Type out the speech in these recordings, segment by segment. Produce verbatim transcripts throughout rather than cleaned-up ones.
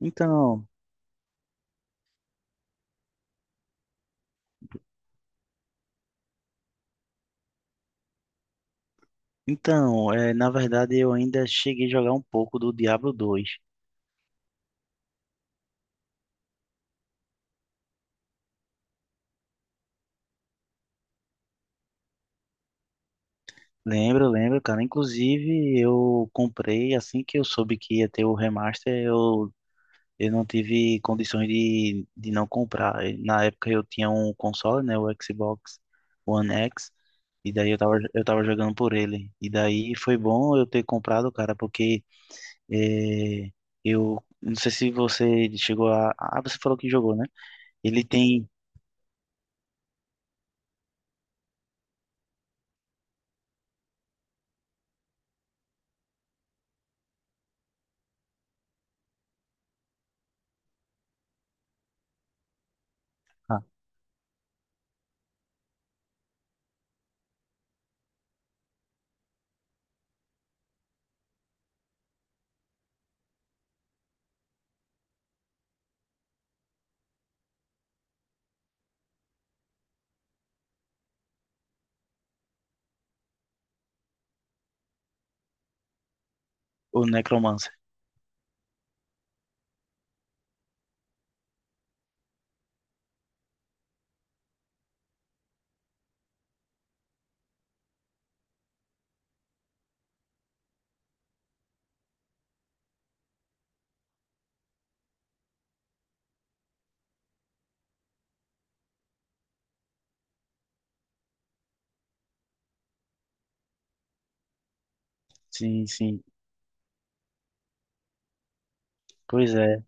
Então, então, é, na verdade eu ainda cheguei a jogar um pouco do Diablo dois. Lembro, lembro, cara. Inclusive eu comprei assim que eu soube que ia ter o remaster, eu, eu não tive condições de, de não comprar. E na época eu tinha um console, né, o Xbox One X, e daí eu tava, eu tava jogando por ele. E daí foi bom eu ter comprado, cara, porque é, eu não sei se você chegou a... Ah, você falou que jogou, né? Ele tem... O Necromancer. Sim, sim. Pois é.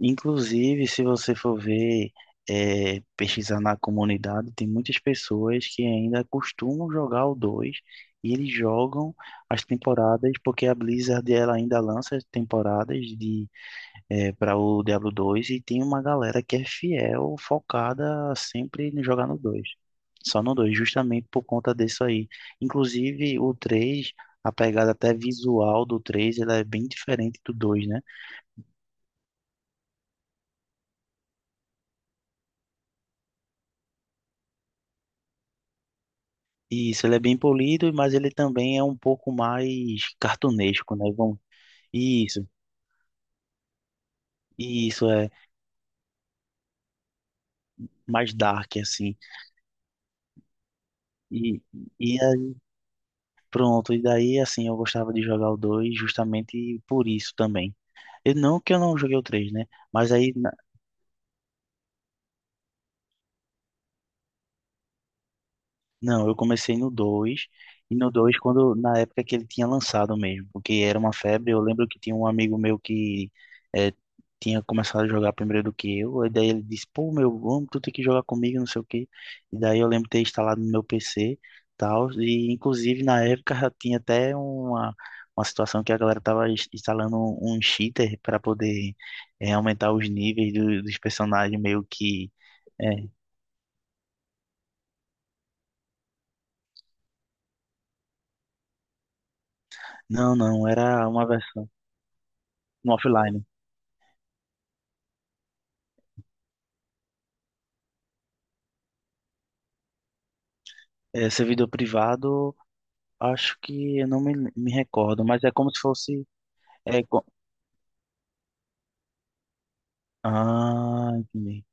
Inclusive, se você for ver, é, pesquisar na comunidade, tem muitas pessoas que ainda costumam jogar o dois e eles jogam as temporadas, porque a Blizzard ela ainda lança as temporadas de para o Diablo dois, e tem uma galera que é fiel, focada sempre em jogar no dois. Só no dois, justamente por conta disso aí. Inclusive o três, a pegada até visual do três, ela é bem diferente do dois, né? E isso, ele é bem polido, mas ele também é um pouco mais cartunesco, né? Vamos... Isso. Isso é mais dark, assim. E, e aí, pronto, e daí, assim, eu gostava de jogar o dois justamente por isso também. Eu, não que eu não joguei o três, né? Mas aí, na- não, eu comecei no dois e no dois quando, na época que ele tinha lançado mesmo, porque era uma febre, eu lembro que tinha um amigo meu que eh, tinha começado a jogar primeiro do que eu, e daí ele disse, pô, meu, vamos, tu tem que jogar comigo, não sei o quê. E daí eu lembro de ter instalado no meu P C, tal, e inclusive na época já tinha até uma, uma situação que a galera tava ins- instalando um, um cheater para poder eh, aumentar os níveis do- dos personagens meio que... eh, Não, não, era uma versão um offline. É, servidor privado, acho que eu não me, me recordo, mas é como se fosse. É, co- ah, entendi.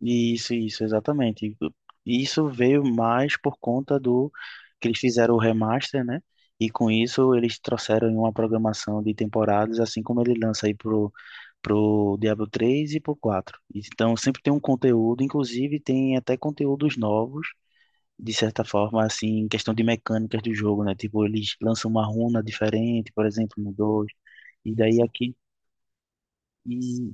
Isso, isso, exatamente. Isso veio mais por conta do que eles fizeram o remaster, né? E com isso eles trouxeram em uma programação de temporadas, assim como ele lança aí pro, pro Diablo três e pro quatro. Então sempre tem um conteúdo, inclusive tem até conteúdos novos de certa forma, assim, em questão de mecânicas do jogo, né? Tipo, eles lançam uma runa diferente, por exemplo, no dois e daí aqui, e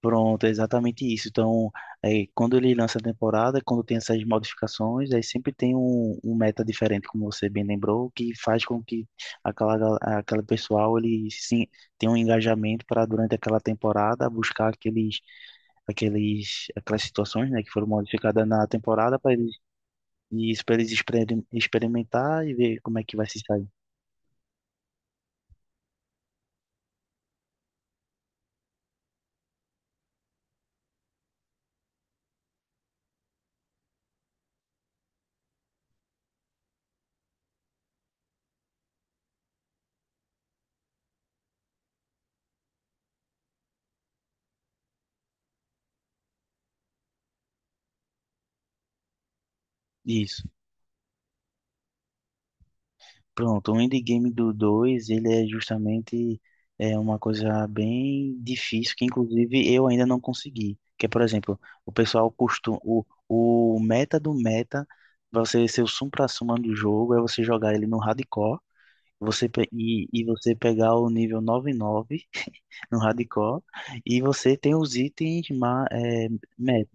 pronto, é exatamente isso. Então, é, quando ele lança a temporada, quando tem essas modificações, aí sempre tem um, um meta diferente, como você bem lembrou, que faz com que aquela, gal- aquele pessoal, ele sim, tenha um engajamento para, durante aquela temporada, buscar aqueles aqueles, aquelas situações, né, que foram modificadas na temporada para e isso pra eles experi- experimentar e ver como é que vai se sair. Isso. Pronto, o endgame do dois ele é justamente é uma coisa bem difícil, que inclusive eu ainda não consegui. Que é, por exemplo, o pessoal costuma... O, o meta do meta, pra você ser o supra-suma do jogo, é você jogar ele no hardcore, você, pe- e, e você pegar o nível noventa e nove no hardcore, e você tem os itens ma, é, meta,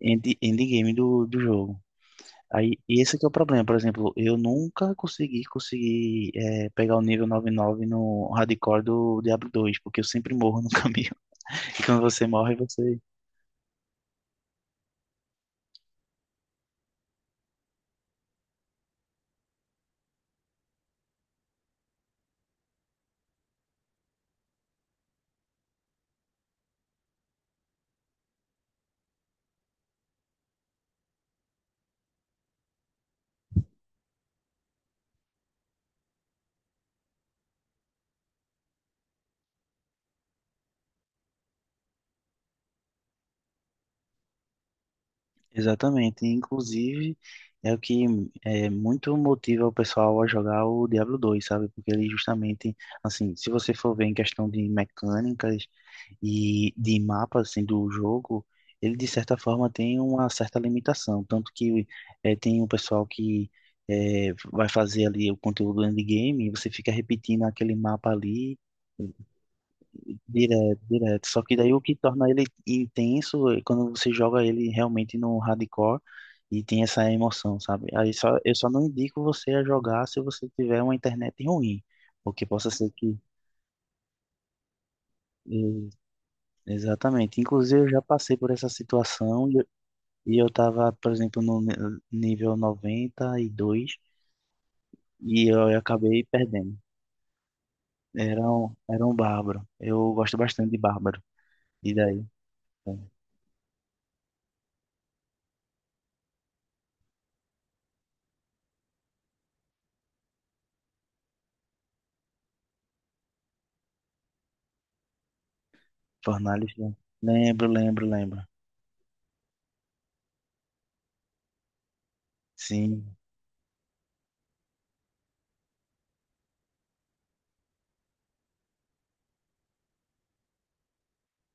end, endgame do, do jogo. Aí, e esse que é o problema, por exemplo, eu nunca consegui conseguir é, pegar o nível noventa e nove no hardcore do Diablo dois, porque eu sempre morro no caminho. E quando você morre, você Exatamente. Inclusive, é o que é muito motiva o pessoal a jogar o Diablo dois, sabe? Porque ele justamente, assim, se você for ver em questão de mecânicas e de mapa, assim, do jogo, ele de certa forma tem uma certa limitação. Tanto que é, tem o pessoal que é, vai fazer ali o conteúdo endgame e você fica repetindo aquele mapa ali direto, direto. Só que daí o que torna ele intenso é quando você joga ele realmente no hardcore e tem essa emoção, sabe? Aí só, eu só não indico você a jogar se você tiver uma internet ruim, porque possa ser que. e- Exatamente. Inclusive, eu já passei por essa situação e eu, e eu tava, por exemplo, no ni- nível noventa e dois e eu acabei perdendo. Era um, era um bárbaro. Eu gosto bastante de bárbaro. E daí? Fornalista. Lembro, lembro, lembro. Sim,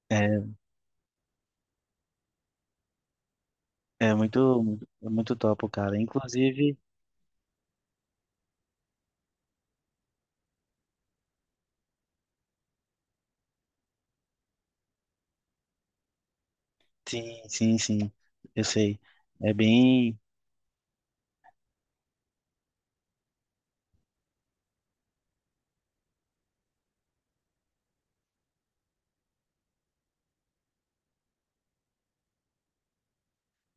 é, é muito, muito, é muito top, cara. Inclusive, sim, sim, sim, eu sei. É bem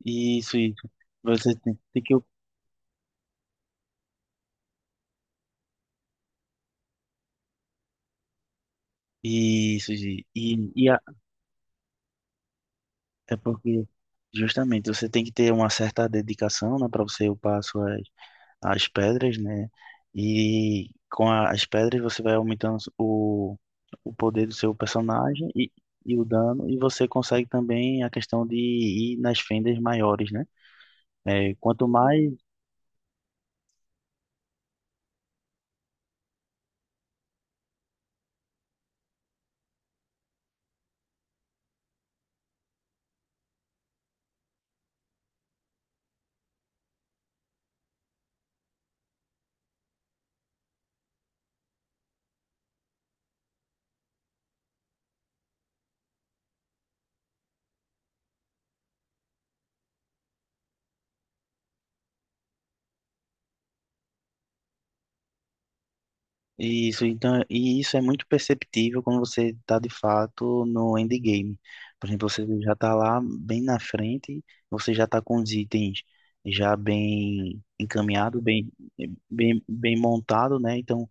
isso, isso. Você tem, tem que isso, Gi. E, e a- é porque justamente você tem que ter uma certa dedicação, né, para você upar as suas as pedras, né? E com a- as pedras você vai aumentando o, o poder do seu personagem e, e o dano, e você consegue também a questão de ir nas fendas maiores, né? É, quanto mais isso, então, e isso é muito perceptível quando você está de fato no endgame. Por exemplo, você já está lá bem na frente, você já está com os itens já bem encaminhado, bem, bem, bem montado, né? Então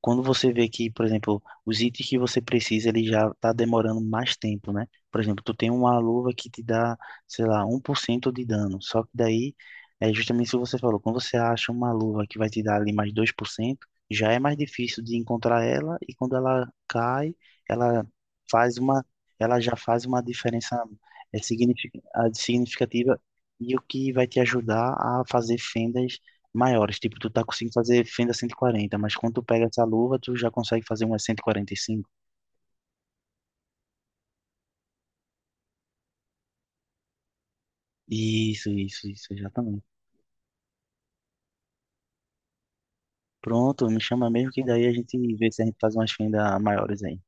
quando você vê que, por exemplo, os itens que você precisa, ele já está demorando mais tempo, né? Por exemplo, tu tem uma luva que te dá, sei lá, um por cento de dano. Só que daí, é justamente isso que você falou. Quando você acha uma luva que vai te dar ali mais dois por cento, já é mais difícil de encontrar ela. E quando ela cai, ela faz uma, ela já faz uma diferença é, signific- ah, significativa. E o que vai te ajudar a fazer fendas maiores, tipo, tu tá conseguindo fazer fenda cento e quarenta, mas quando tu pega essa luva, tu já consegue fazer uma cinco. Isso, isso, isso, exatamente. Pronto, me chama mesmo que daí a gente vê se a gente faz umas fendas maiores aí.